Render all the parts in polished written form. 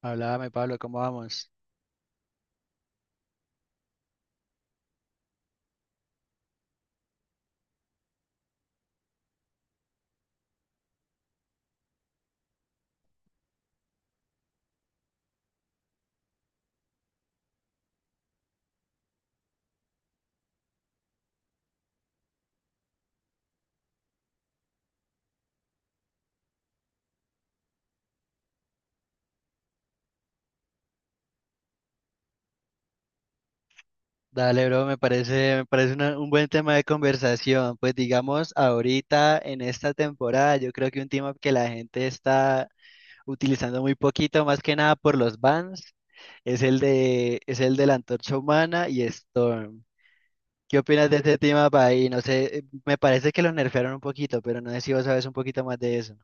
Háblame, Pablo, ¿cómo vamos? Dale, bro, me parece un buen tema de conversación. Pues digamos, ahorita en esta temporada, yo creo que un tema que la gente está utilizando muy poquito, más que nada por los bans, es el de la Antorcha Humana y Storm. ¿Qué opinas de este tema, ahí? No sé, me parece que lo nerfearon un poquito, pero no sé si vos sabes un poquito más de eso.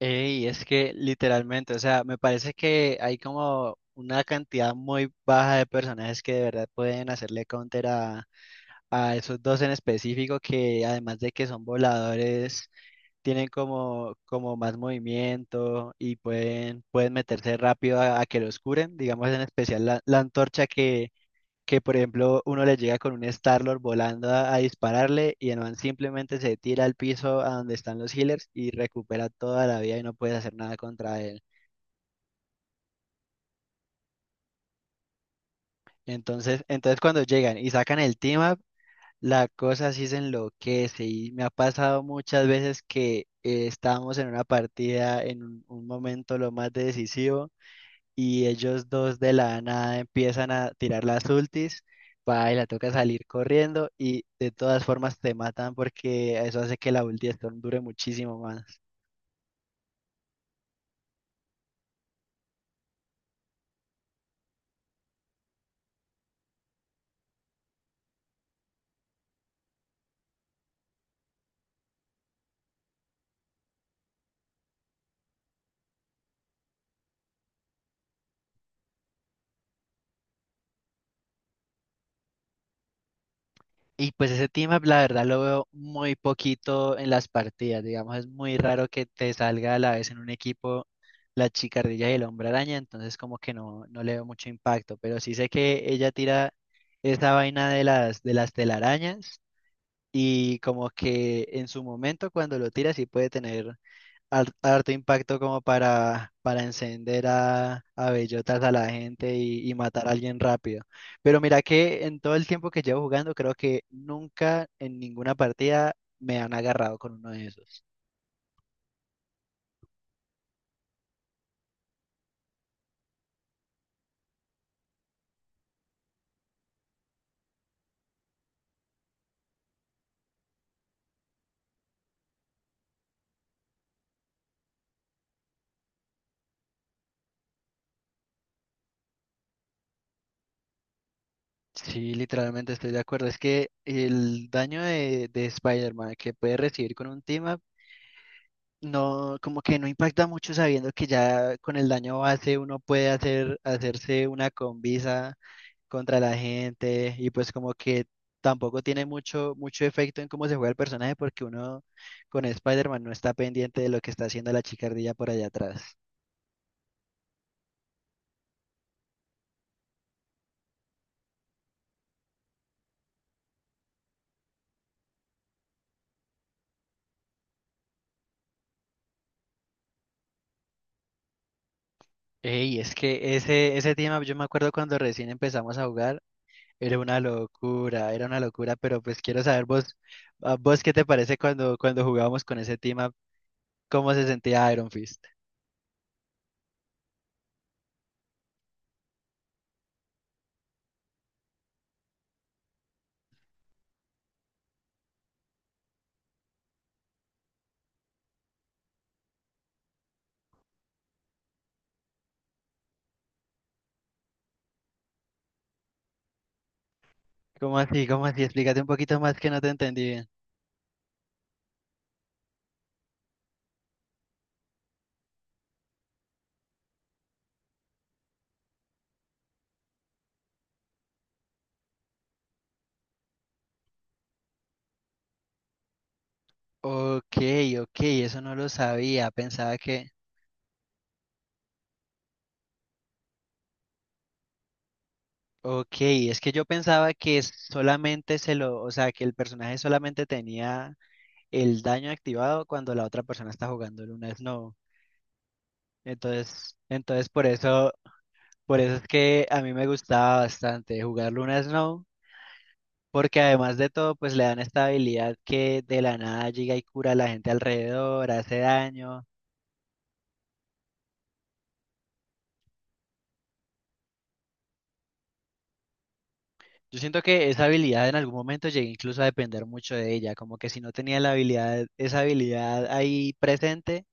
Y es que literalmente, o sea, me parece que hay como una cantidad muy baja de personajes que de verdad pueden hacerle counter a esos dos en específico que, además de que son voladores, tienen como más movimiento y pueden meterse rápido a que los curen, digamos en especial la antorcha que por ejemplo uno le llega con un Star-Lord volando a dispararle y el man simplemente se tira al piso a donde están los healers y recupera toda la vida y no puedes hacer nada contra él. Entonces cuando llegan y sacan el team up, la cosa sí se enloquece y me ha pasado muchas veces que estábamos en una partida en un momento lo más decisivo y ellos dos de la nada empiezan a tirar las ultis, va y la toca salir corriendo y de todas formas te matan porque eso hace que la ulti de Storm dure muchísimo más. Y pues ese team up la verdad lo veo muy poquito en las partidas, digamos, es muy raro que te salga a la vez en un equipo la chicardilla y el hombre araña, entonces como que no le veo mucho impacto, pero sí sé que ella tira esa vaina de las telarañas. Y como que en su momento cuando lo tira sí puede tener harto impacto como para encender a bellotas a la gente y matar a alguien rápido. Pero mira que en todo el tiempo que llevo jugando creo que nunca en ninguna partida me han agarrado con uno de esos. Sí, literalmente estoy de acuerdo. Es que el daño de Spider-Man que puede recibir con un team no, como que no impacta mucho sabiendo que ya con el daño base uno puede hacerse una combisa contra la gente y pues como que tampoco tiene mucho efecto en cómo se juega el personaje porque uno con Spider-Man no está pendiente de lo que está haciendo la chicardilla por allá atrás. Ey, es que ese tema, yo me acuerdo cuando recién empezamos a jugar, era una locura, pero pues quiero saber vos, a vos qué te parece cuando jugábamos con ese tema, cómo se sentía Iron Fist. ¿Cómo así? ¿Cómo así? Explícate un poquito más que no te entendí bien. Ok, ok, eso no lo sabía. Pensaba que... Ok, es que yo pensaba que solamente se lo... O sea, que el personaje solamente tenía el daño activado cuando la otra persona está jugando el una no. Entonces, entonces por eso, por eso es que a mí me gustaba bastante jugar Luna Snow, porque además de todo, pues le dan esta habilidad que de la nada llega y cura a la gente alrededor, hace daño. Yo siento que esa habilidad en algún momento llegué incluso a depender mucho de ella, como que si no tenía la habilidad, esa habilidad ahí presente,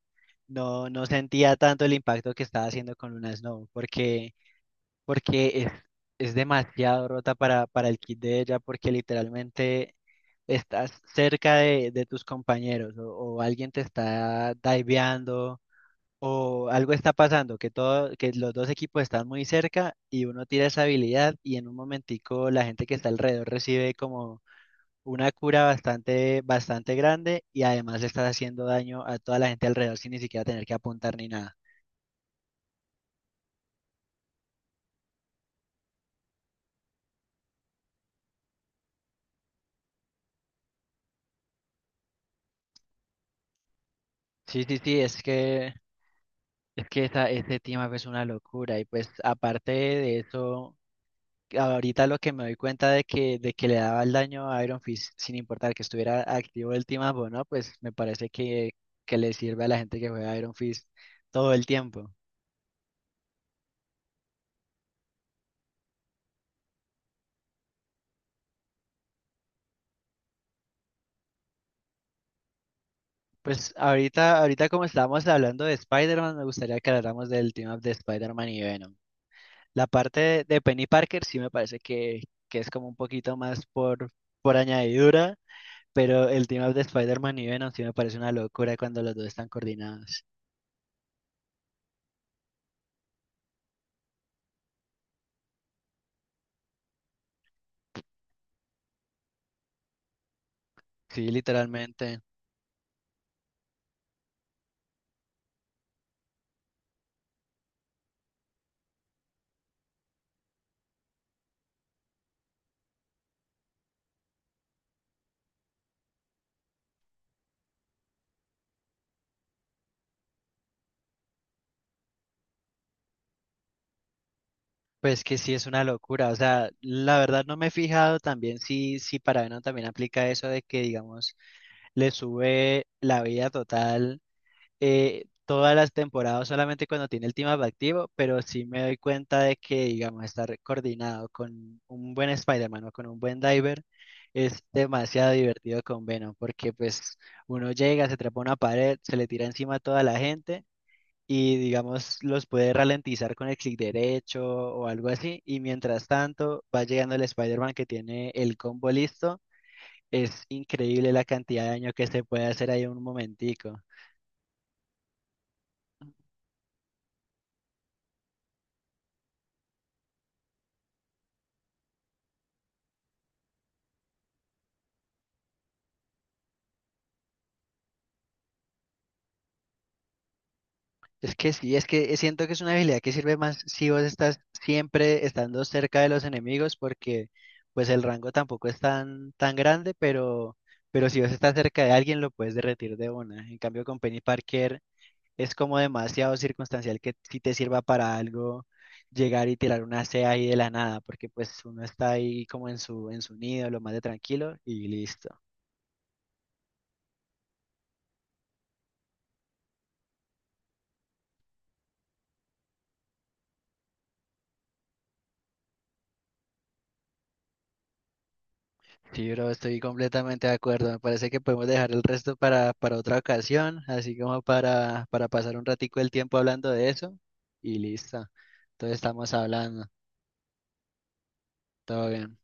no sentía tanto el impacto que estaba haciendo con Luna Snow, porque es, es demasiado rota para el kit de ella, porque literalmente estás cerca de tus compañeros o alguien te está diveando o algo está pasando, que todo, que los dos equipos están muy cerca y uno tira esa habilidad y en un momentico la gente que está alrededor recibe como una cura bastante, bastante grande y además le estás haciendo daño a toda la gente alrededor sin ni siquiera tener que apuntar ni nada. Sí, sí, sí, es que esa, ese tema pues, es una locura y pues aparte de eso. Ahorita lo que me doy cuenta de de que le daba el daño a Iron Fist, sin importar que estuviera activo el team up o no, pues me parece que le sirve a la gente que juega Iron Fist todo el tiempo. Pues ahorita como estábamos hablando de Spider-Man, me gustaría que habláramos del team up de Spider-Man y Venom. La parte de Penny Parker sí me parece que es como un poquito más por añadidura, pero el team up de Spider-Man y Venom sí me parece una locura cuando los dos están coordinados. Sí, literalmente. Pues que sí es una locura, o sea, la verdad no me he fijado también si para Venom también aplica eso de que, digamos, le sube la vida total todas las temporadas solamente cuando tiene el team up activo, pero sí me doy cuenta de que, digamos, estar coordinado con un buen Spider-Man o con un buen Diver es demasiado divertido con Venom, porque pues uno llega, se trepa a una pared, se le tira encima a toda la gente y digamos los puede ralentizar con el clic derecho o algo así. Y mientras tanto va llegando el Spider-Man que tiene el combo listo. Es increíble la cantidad de daño que se puede hacer ahí en un momentico. Es que sí, es que siento que es una habilidad que sirve más si vos estás siempre estando cerca de los enemigos porque pues el rango tampoco es tan grande, pero si vos estás cerca de alguien lo puedes derretir de una. En cambio con Penny Parker es como demasiado circunstancial que si te sirva para algo llegar y tirar una C ahí de la nada, porque pues uno está ahí como en su nido, lo más de tranquilo y listo. Sí, bro, estoy completamente de acuerdo. Me parece que podemos dejar el resto para otra ocasión, así como para pasar un ratico el tiempo hablando de eso y listo. Entonces estamos hablando. Todo bien.